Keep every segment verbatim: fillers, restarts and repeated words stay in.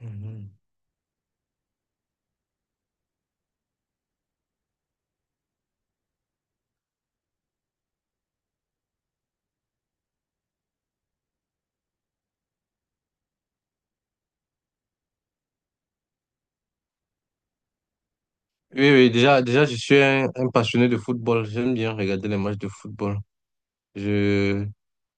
Mhm. Oui, oui, déjà, déjà, je suis un, un passionné de football. J'aime bien regarder les matchs de football. Je,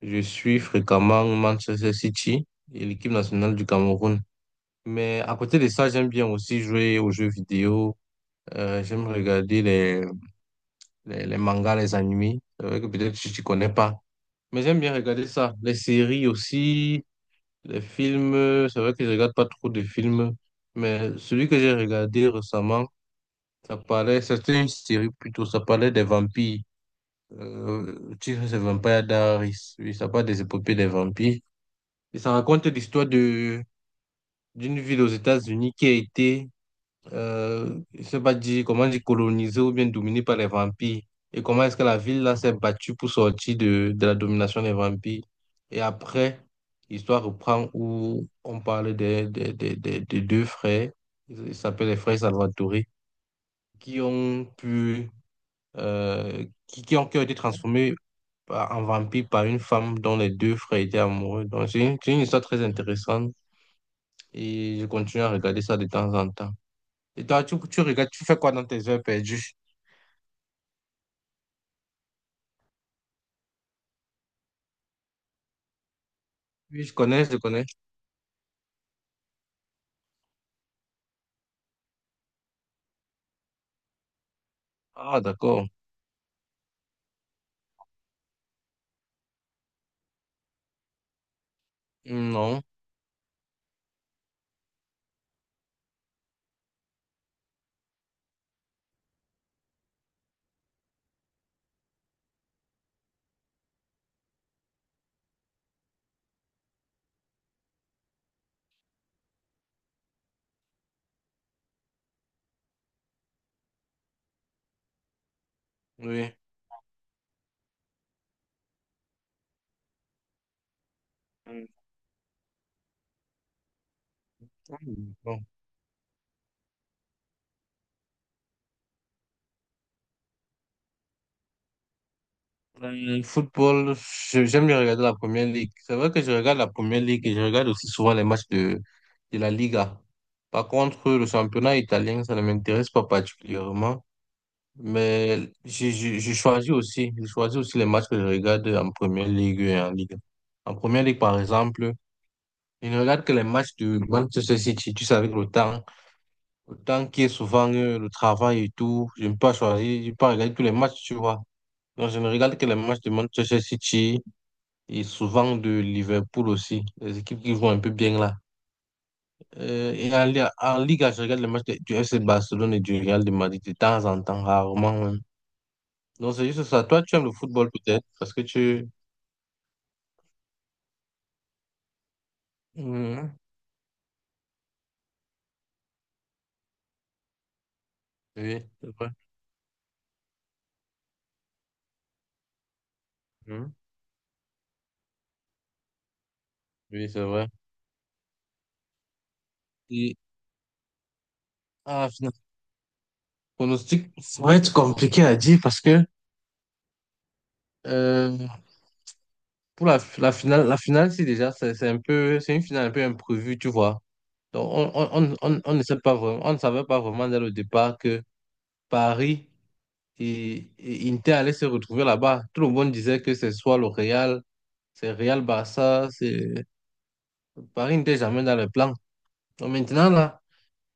je suis fréquemment Manchester City et l'équipe nationale du Cameroun. Mais à côté de ça, j'aime bien aussi jouer aux jeux vidéo. Euh, j'aime regarder les, les, les mangas, les animés. C'est vrai que peut-être tu ne connais pas. Mais j'aime bien regarder ça. Les séries aussi, les films. C'est vrai que je regarde pas trop de films. Mais celui que j'ai regardé récemment, ça parlait, c'était une série plutôt, ça parlait des vampires. Euh, le titre, c'est Vampire Diaries. Oui, ça parle des épopées des vampires. Et ça raconte l'histoire de d'une ville aux États-Unis qui a été, euh, je sais pas dire, comment dire, colonisée ou bien dominée par les vampires. Et comment est-ce que la ville là s'est battue pour sortir de, de la domination des vampires. Et après, l'histoire reprend où on parle des, des, des, des- des deux frères, ils s'appellent les frères Salvatore, qui ont pu euh, qui, qui ont, qui ont été transformés par- en vampires par une femme dont les deux frères étaient amoureux. Donc, c'est une, c'est une histoire très intéressante et je continue à regarder ça de temps en temps. Et toi, tu, tu regardes, tu fais quoi dans tes heures perdues? Oui, je connais, je connais. Ah, d'accord. Non, oui. Hum. Bon. Le football, je- j'aime bien regarder la première ligue. C'est vrai que je regarde la première ligue et je regarde aussi souvent les matchs de, de la Liga. Par contre, le championnat italien, ça ne m'intéresse pas particulièrement. Mais j'ai j'ai- j'ai choisi aussi, j'ai choisi aussi les matchs que je regarde en première ligue et en ligue. En première ligue, par exemple, je ne regarde que les matchs de Manchester City. Tu sais, avec le temps, le temps qui est souvent euh, le travail et tout, je ne peux pas choisir, je ne peux pas regarder tous les matchs, tu vois. Donc, je ne regarde que les matchs de Manchester City et souvent de Liverpool aussi, les équipes qui vont un peu bien là. Euh, et en, li- en ligue je regarde les matchs de- du F C Barcelone et du Real de Madrid de temps en temps, rarement, hein. Non, c'est juste ça. Toi, tu aimes le football peut-être parce que tu... Mhm. Oui, c'est vrai. Mhm. Oui, c'est vrai. Et ah, final... pronostic, ça va être compliqué à dire parce que euh, pour la, la finale, la finale, c'est déjà, c'est c'est un peu, c'est une finale un peu imprévue, tu vois. Donc, on, on, on, on, on ne sait pas vraiment, on ne savait pas vraiment dès le départ que Paris et, et Inter allaient se retrouver là-bas. Tout le monde disait que c'est soit le Real, c'est Real Barça, c'est Paris n'était jamais dans le plan. Donc maintenant, là,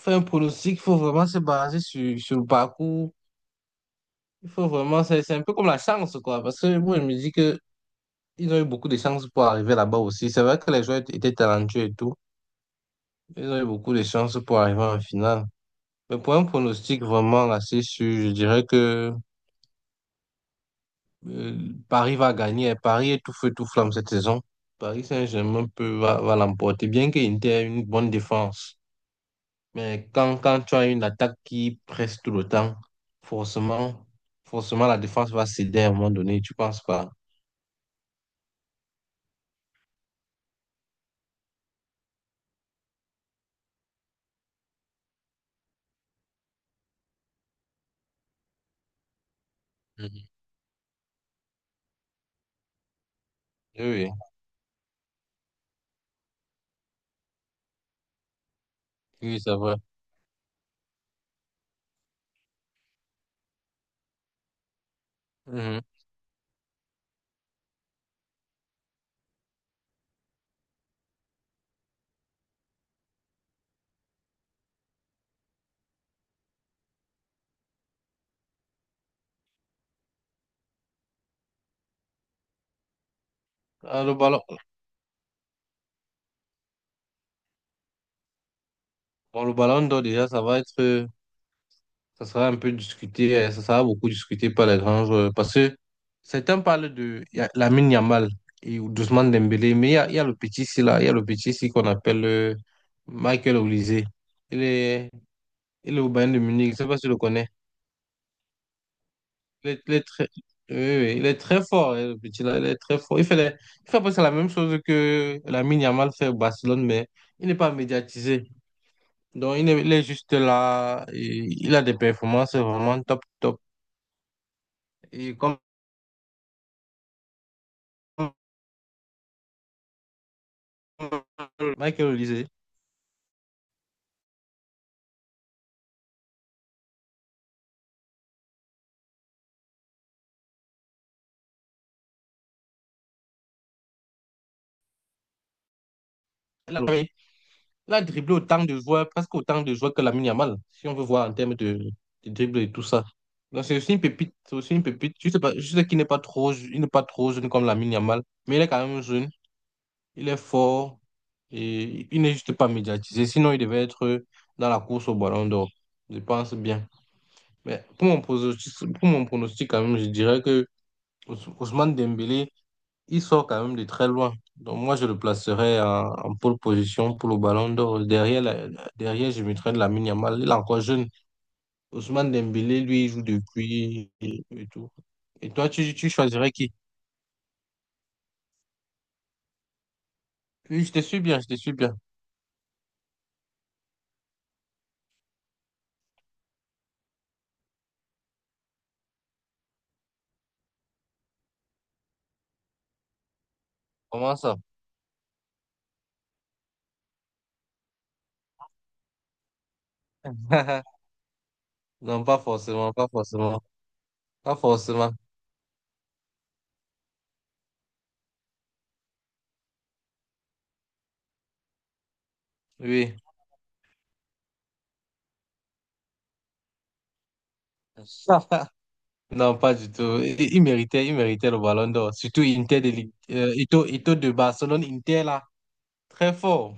faire un pronostic, il faut vraiment se baser sur, sur le parcours. Il faut vraiment, c'est c'est un peu comme la chance, quoi. Parce que moi, je me dis que ils ont eu beaucoup de chance pour arriver là-bas aussi. C'est vrai que les joueurs étaient talentueux et tout. Ils ont eu beaucoup de chance pour arriver en finale. Mais pour un pronostic vraiment assez sûr, je dirais que euh, Paris va gagner. Paris est tout feu, tout flamme cette saison. Paris Saint-Germain peut, va, va l'emporter, bien qu'il ait une bonne défense. Mais quand, quand tu as une attaque qui presse tout le temps, forcément, forcément la défense va céder à un moment donné, tu penses pas? Mhm. Oui, oui. Oui, c'est vrai. Mhm. Ah, le ballon, bon, le ballon d'or, déjà, ça va être, euh, ça sera un peu discuté, euh, ça sera beaucoup discuté par les grands joueurs. Parce que certains parlent de Ya- Lamine Yamal et Ousmane Dembélé, mais il y a, il y a le petit ici, là, il y a le petit ici qu'on appelle euh, Michael Olise. Il est, il est au Bayern de Munich, je ne sais pas si tu le connais. Il est, il est très, oui, oui, il est très fort, hein, le petit là, il est très fort. Il fait, les- il fait presque la même chose que Lamine Yamal fait au Barcelone, mais il n'est pas médiatisé. Donc, il est, il est juste là, et il a des performances vraiment top, top. Et comme Michael le disait, il a, il a dribblé autant de joueurs, presque autant de joueurs que Lamine Yamal, si on veut voir en termes de, de dribble et tout ça. Donc, c'est aussi une pépite, c'est aussi une pépite. Je sais pas, je sais qu'il n'est pas trop, je- il n'est pas trop jeune comme Lamine Yamal, mais il est quand même jeune. Il est fort et il n'est juste pas médiatisé. Sinon, il devait être dans la course au ballon d'or. Je pense bien. Mais pour mon pronostic, pour mon pronostic quand même, je dirais que Ous- Ousmane Dembélé, il sort quand même de très loin. Donc moi, je le placerai en, en pole position pour le ballon d'or. Derrière, la- la- derrière, je mettrai de la Yamal. Il est encore jeune. Ousmane Dembélé, lui, il joue depuis et, et tout. Et toi, tu, tu choisirais qui? Oui, je te suis bien, je te suis bien. Comment ça? Non, pas forcément, pas forcément. Pas forcément, oui. Non, pas du tout. Il, il méritait, il méritait le ballon d'or. Surtout Inter de, Lig- euh, Ito, Ito de Barcelone, Inter là, très fort.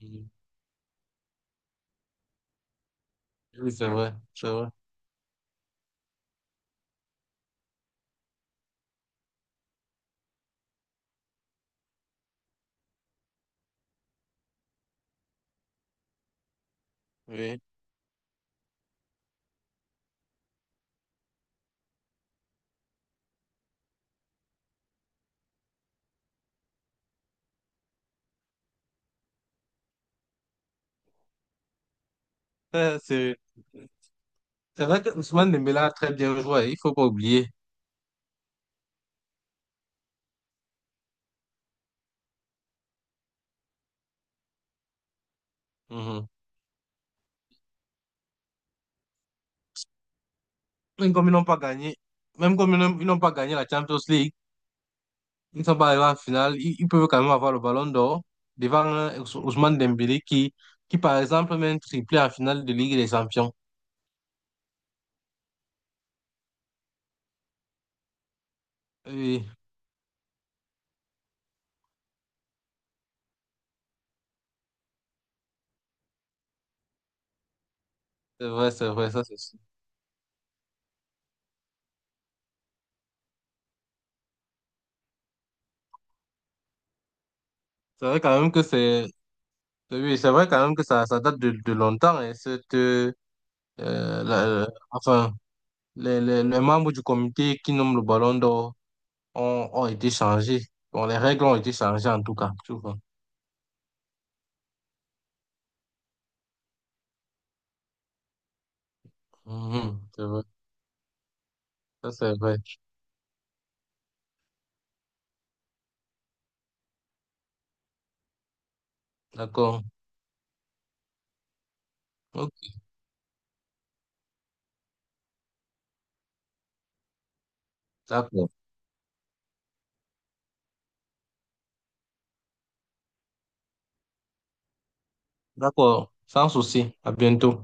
Mhm. Oui, c'est vrai, c'est vrai. Oui. Euh, C'est c'est vrai que Ousmane Dembélé a très bien joué, il faut pas oublier. Mhm. Même comme ils n'ont pas gagné, même comme ils n'ont ils n'ont pas gagné la Champions League, ils ne sont pas arrivés en finale, ils, ils peuvent quand même avoir le ballon d'or devant un Ous- Ousmane Dembélé qui, qui par exemple met un triplé en finale de Ligue des Champions. Oui. C'est vrai, c'est vrai, ça c'est sûr. C'est vrai quand même que c'est, oui, c'est vrai quand même que ça, ça date de, de longtemps, et cette, euh, la- la- enfin, les, les, les membres du comité qui nomment le Ballon d'Or ont, ont été changés. Bon, les règles ont été changées en tout cas, tu vois. Mhm, c'est vrai, ça c'est vrai. D'accord. Ok, d'accord. D'accord, sans souci. À bientôt.